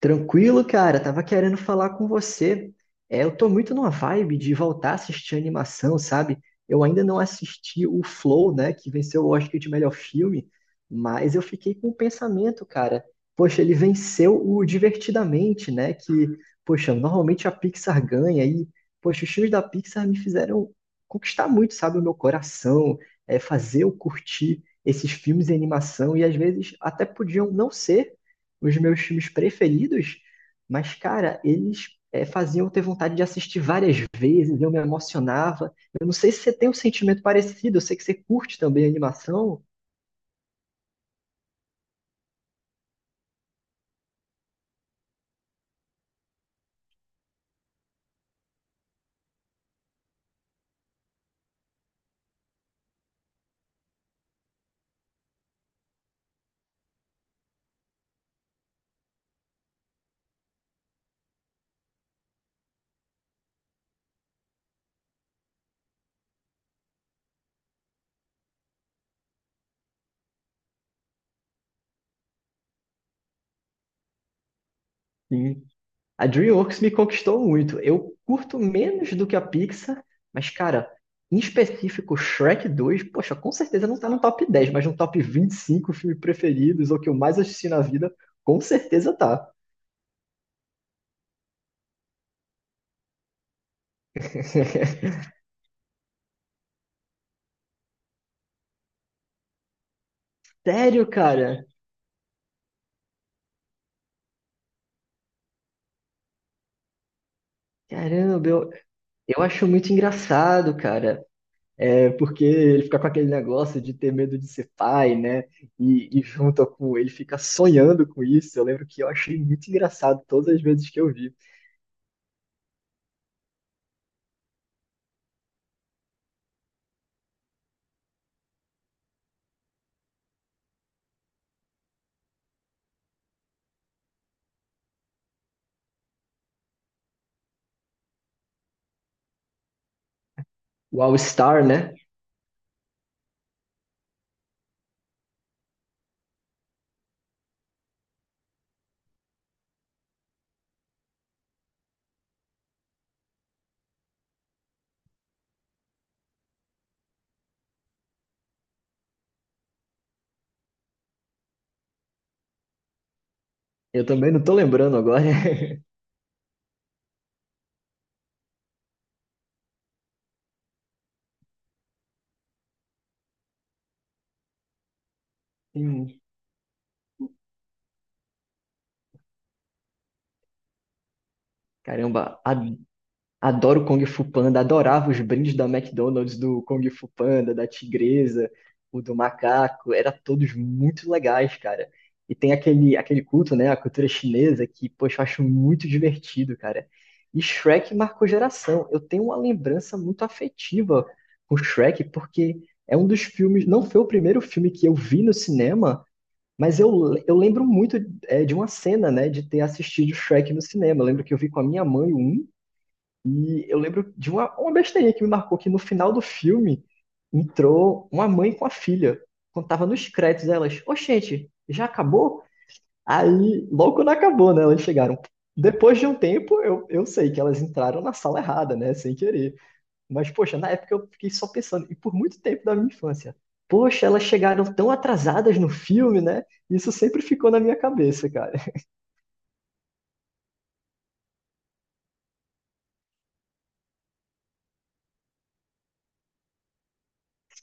Tranquilo, cara. Tava querendo falar com você. Eu tô muito numa vibe de voltar a assistir animação, sabe? Eu ainda não assisti o Flow, né, que venceu o Oscar de melhor filme, mas eu fiquei com o pensamento, cara. Poxa, ele venceu o Divertidamente, né? Que, poxa, normalmente a Pixar ganha e, poxa, os filmes da Pixar me fizeram conquistar muito, sabe, o meu coração, fazer eu curtir esses filmes de animação e às vezes até podiam não ser os meus filmes preferidos, mas, cara, eles faziam eu ter vontade de assistir várias vezes, eu me emocionava. Eu não sei se você tem um sentimento parecido, eu sei que você curte também a animação. Sim. A DreamWorks me conquistou muito. Eu curto menos do que a Pixar, mas, cara, em específico, Shrek 2, poxa, com certeza não tá no top 10, mas no top 25 filmes preferidos, ou que eu mais assisti na vida, com certeza tá. Sério, cara? Caramba, eu, Eu acho muito engraçado, cara, porque ele fica com aquele negócio de ter medo de ser pai, né? E junto com ele fica sonhando com isso. Eu lembro que eu achei muito engraçado todas as vezes que eu vi. O All Star, né? Eu também não tô lembrando agora. Sim. Caramba, há adoro Kung Fu Panda, adorava os brindes da McDonald's, do Kung Fu Panda, da Tigresa, o do macaco, era todos muito legais, cara. E tem aquele, aquele culto, né, a cultura chinesa, que, poxa, eu acho muito divertido, cara. E Shrek marcou geração. Eu tenho uma lembrança muito afetiva com Shrek, porque é um dos filmes, não foi o primeiro filme que eu vi no cinema, mas eu lembro muito, de uma cena, né, de ter assistido Shrek no cinema. Eu lembro que eu vi com a minha mãe o um e eu lembro de uma besteirinha que me marcou, que no final do filme entrou uma mãe com a filha. Quando tava nos créditos, elas, ô gente, já acabou? Aí, logo quando acabou, né, elas chegaram. Depois de um tempo, eu sei que elas entraram na sala errada, né, sem querer. Mas, poxa, na época eu fiquei só pensando, e por muito tempo da minha infância, poxa, elas chegaram tão atrasadas no filme, né? Isso sempre ficou na minha cabeça, cara.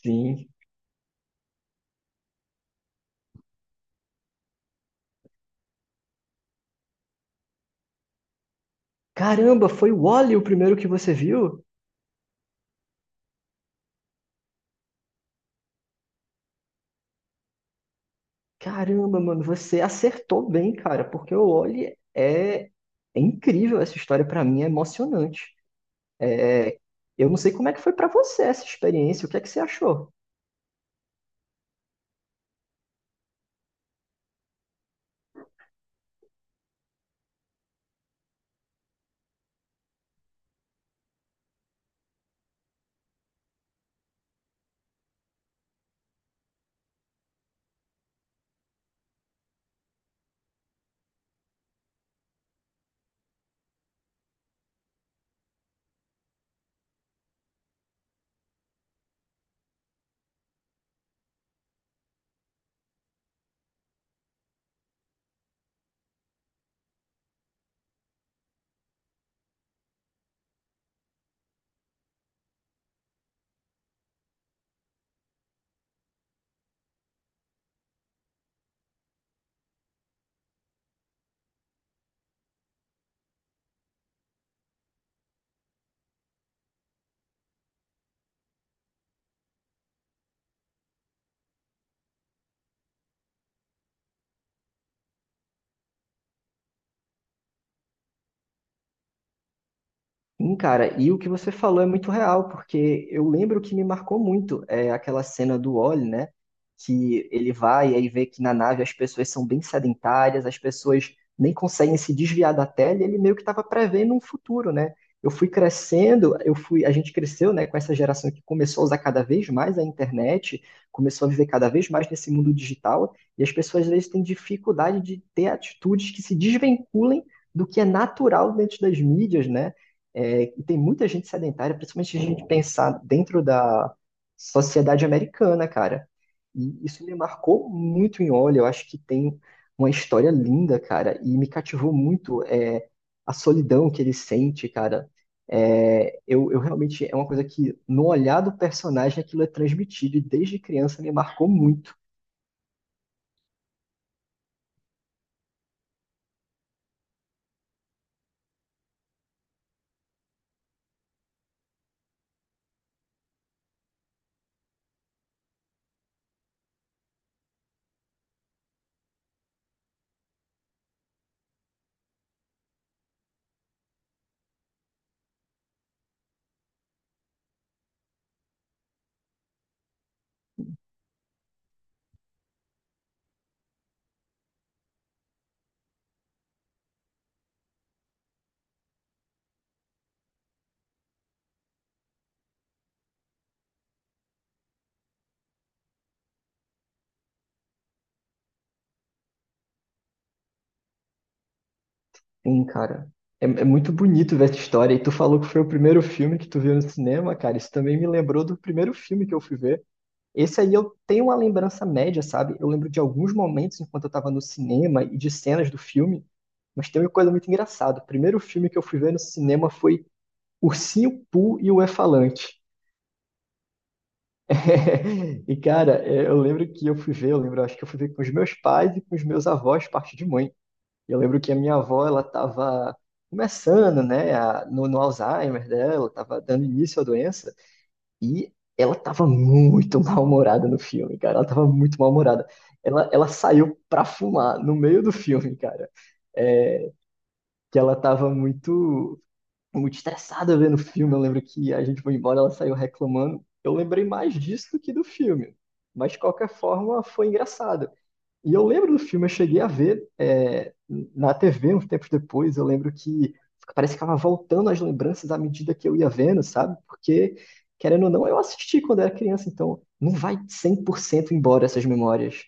Sim. Caramba, foi o Wall-E o primeiro que você viu? Caramba, mano, você acertou bem, cara, porque o Oli é incrível essa história pra mim, é emocionante. É, Eu não sei como é que foi pra você essa experiência, o que é que você achou? Sim, cara, e o que você falou é muito real, porque eu lembro que me marcou muito é aquela cena do Wall, né? Que ele vai e aí vê que na nave as pessoas são bem sedentárias, as pessoas nem conseguem se desviar da tela, e ele meio que estava prevendo um futuro, né? Eu fui crescendo, a gente cresceu, né, com essa geração que começou a usar cada vez mais a internet, começou a viver cada vez mais nesse mundo digital, e as pessoas às vezes têm dificuldade de ter atitudes que se desvinculem do que é natural dentro das mídias, né? E tem muita gente sedentária, principalmente se a gente pensar dentro da sociedade americana, cara. E isso me marcou muito em Olho. Eu acho que tem uma história linda, cara, e me cativou muito a solidão que ele sente, cara. Eu realmente é uma coisa que no olhar do personagem aquilo é transmitido e desde criança me marcou muito, hein, cara. É muito bonito ver essa história. E tu falou que foi o primeiro filme que tu viu no cinema, cara. Isso também me lembrou do primeiro filme que eu fui ver. Esse aí eu tenho uma lembrança média, sabe? Eu lembro de alguns momentos enquanto eu estava no cinema e de cenas do filme, mas tem uma coisa muito engraçada. O primeiro filme que eu fui ver no cinema foi Ursinho Pooh e o E-Falante. E cara, eu lembro que eu fui ver, eu acho que eu fui ver com os meus pais e com os meus avós, parte de mãe. Eu lembro que a minha avó, ela tava começando, né, no, Alzheimer dela, tava dando início à doença. E ela tava muito mal-humorada no filme, cara. Ela tava muito mal-humorada. Ela saiu pra fumar no meio do filme, cara. É, que ela tava muito, muito estressada vendo o filme. Eu lembro que a gente foi embora, ela saiu reclamando. Eu lembrei mais disso do que do filme. Mas, de qualquer forma, foi engraçado. E eu lembro do filme, eu cheguei a ver na TV uns tempos depois, eu lembro que parece que estava voltando as lembranças à medida que eu ia vendo, sabe? Porque, querendo ou não, eu assisti quando era criança, então não vai 100% embora essas memórias.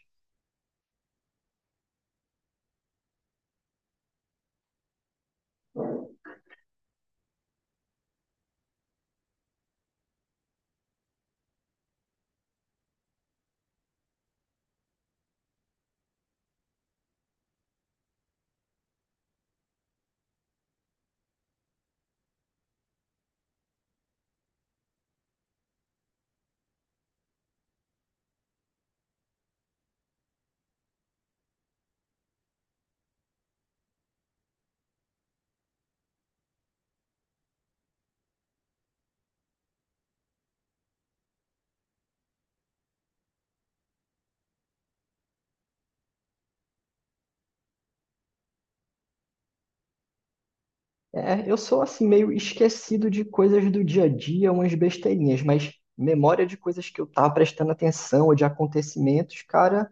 Eu sou assim meio esquecido de coisas do dia a dia, umas besteirinhas, mas memória de coisas que eu tava prestando atenção ou de acontecimentos, cara,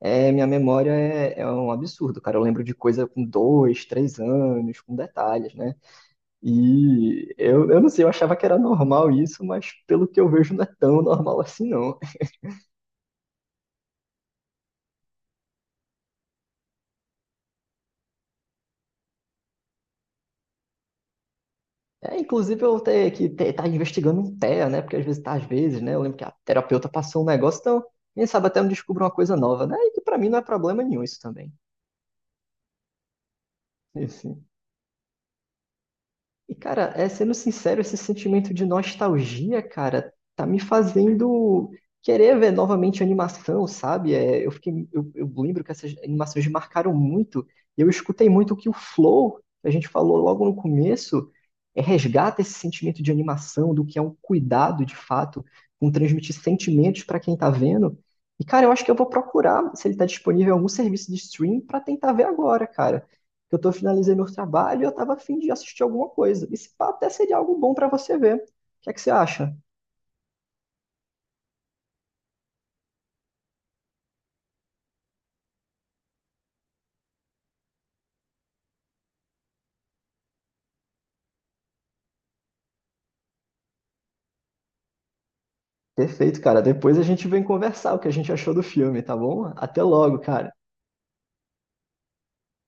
minha memória é um absurdo, cara. Eu lembro de coisa com 2, 3 anos, com detalhes, né? E eu não sei, eu achava que era normal isso, mas pelo que eu vejo não é tão normal assim, não. Inclusive eu ter que ter, tá investigando um TEA, né? Porque às vezes tá, às vezes, né? Eu lembro que a terapeuta passou um negócio, então, quem sabe até eu descubro uma coisa nova, né? E que pra mim não é problema nenhum isso também. E, cara, sendo sincero, esse sentimento de nostalgia, cara, tá me fazendo querer ver novamente animação, sabe? Eu lembro que essas animações me marcaram muito. E eu escutei muito que o Flow, que a gente falou logo no começo, resgata esse sentimento de animação, do que é um cuidado, de fato, com transmitir sentimentos para quem tá vendo. E, cara, eu acho que eu vou procurar se ele tá disponível em algum serviço de stream pra tentar ver agora, cara que eu tô, finalizei meu trabalho e eu tava a fim de assistir alguma coisa. E se pá, até seria algo bom pra você ver. O que é que você acha? Perfeito, cara. Depois a gente vem conversar o que a gente achou do filme, tá bom? Até logo, cara.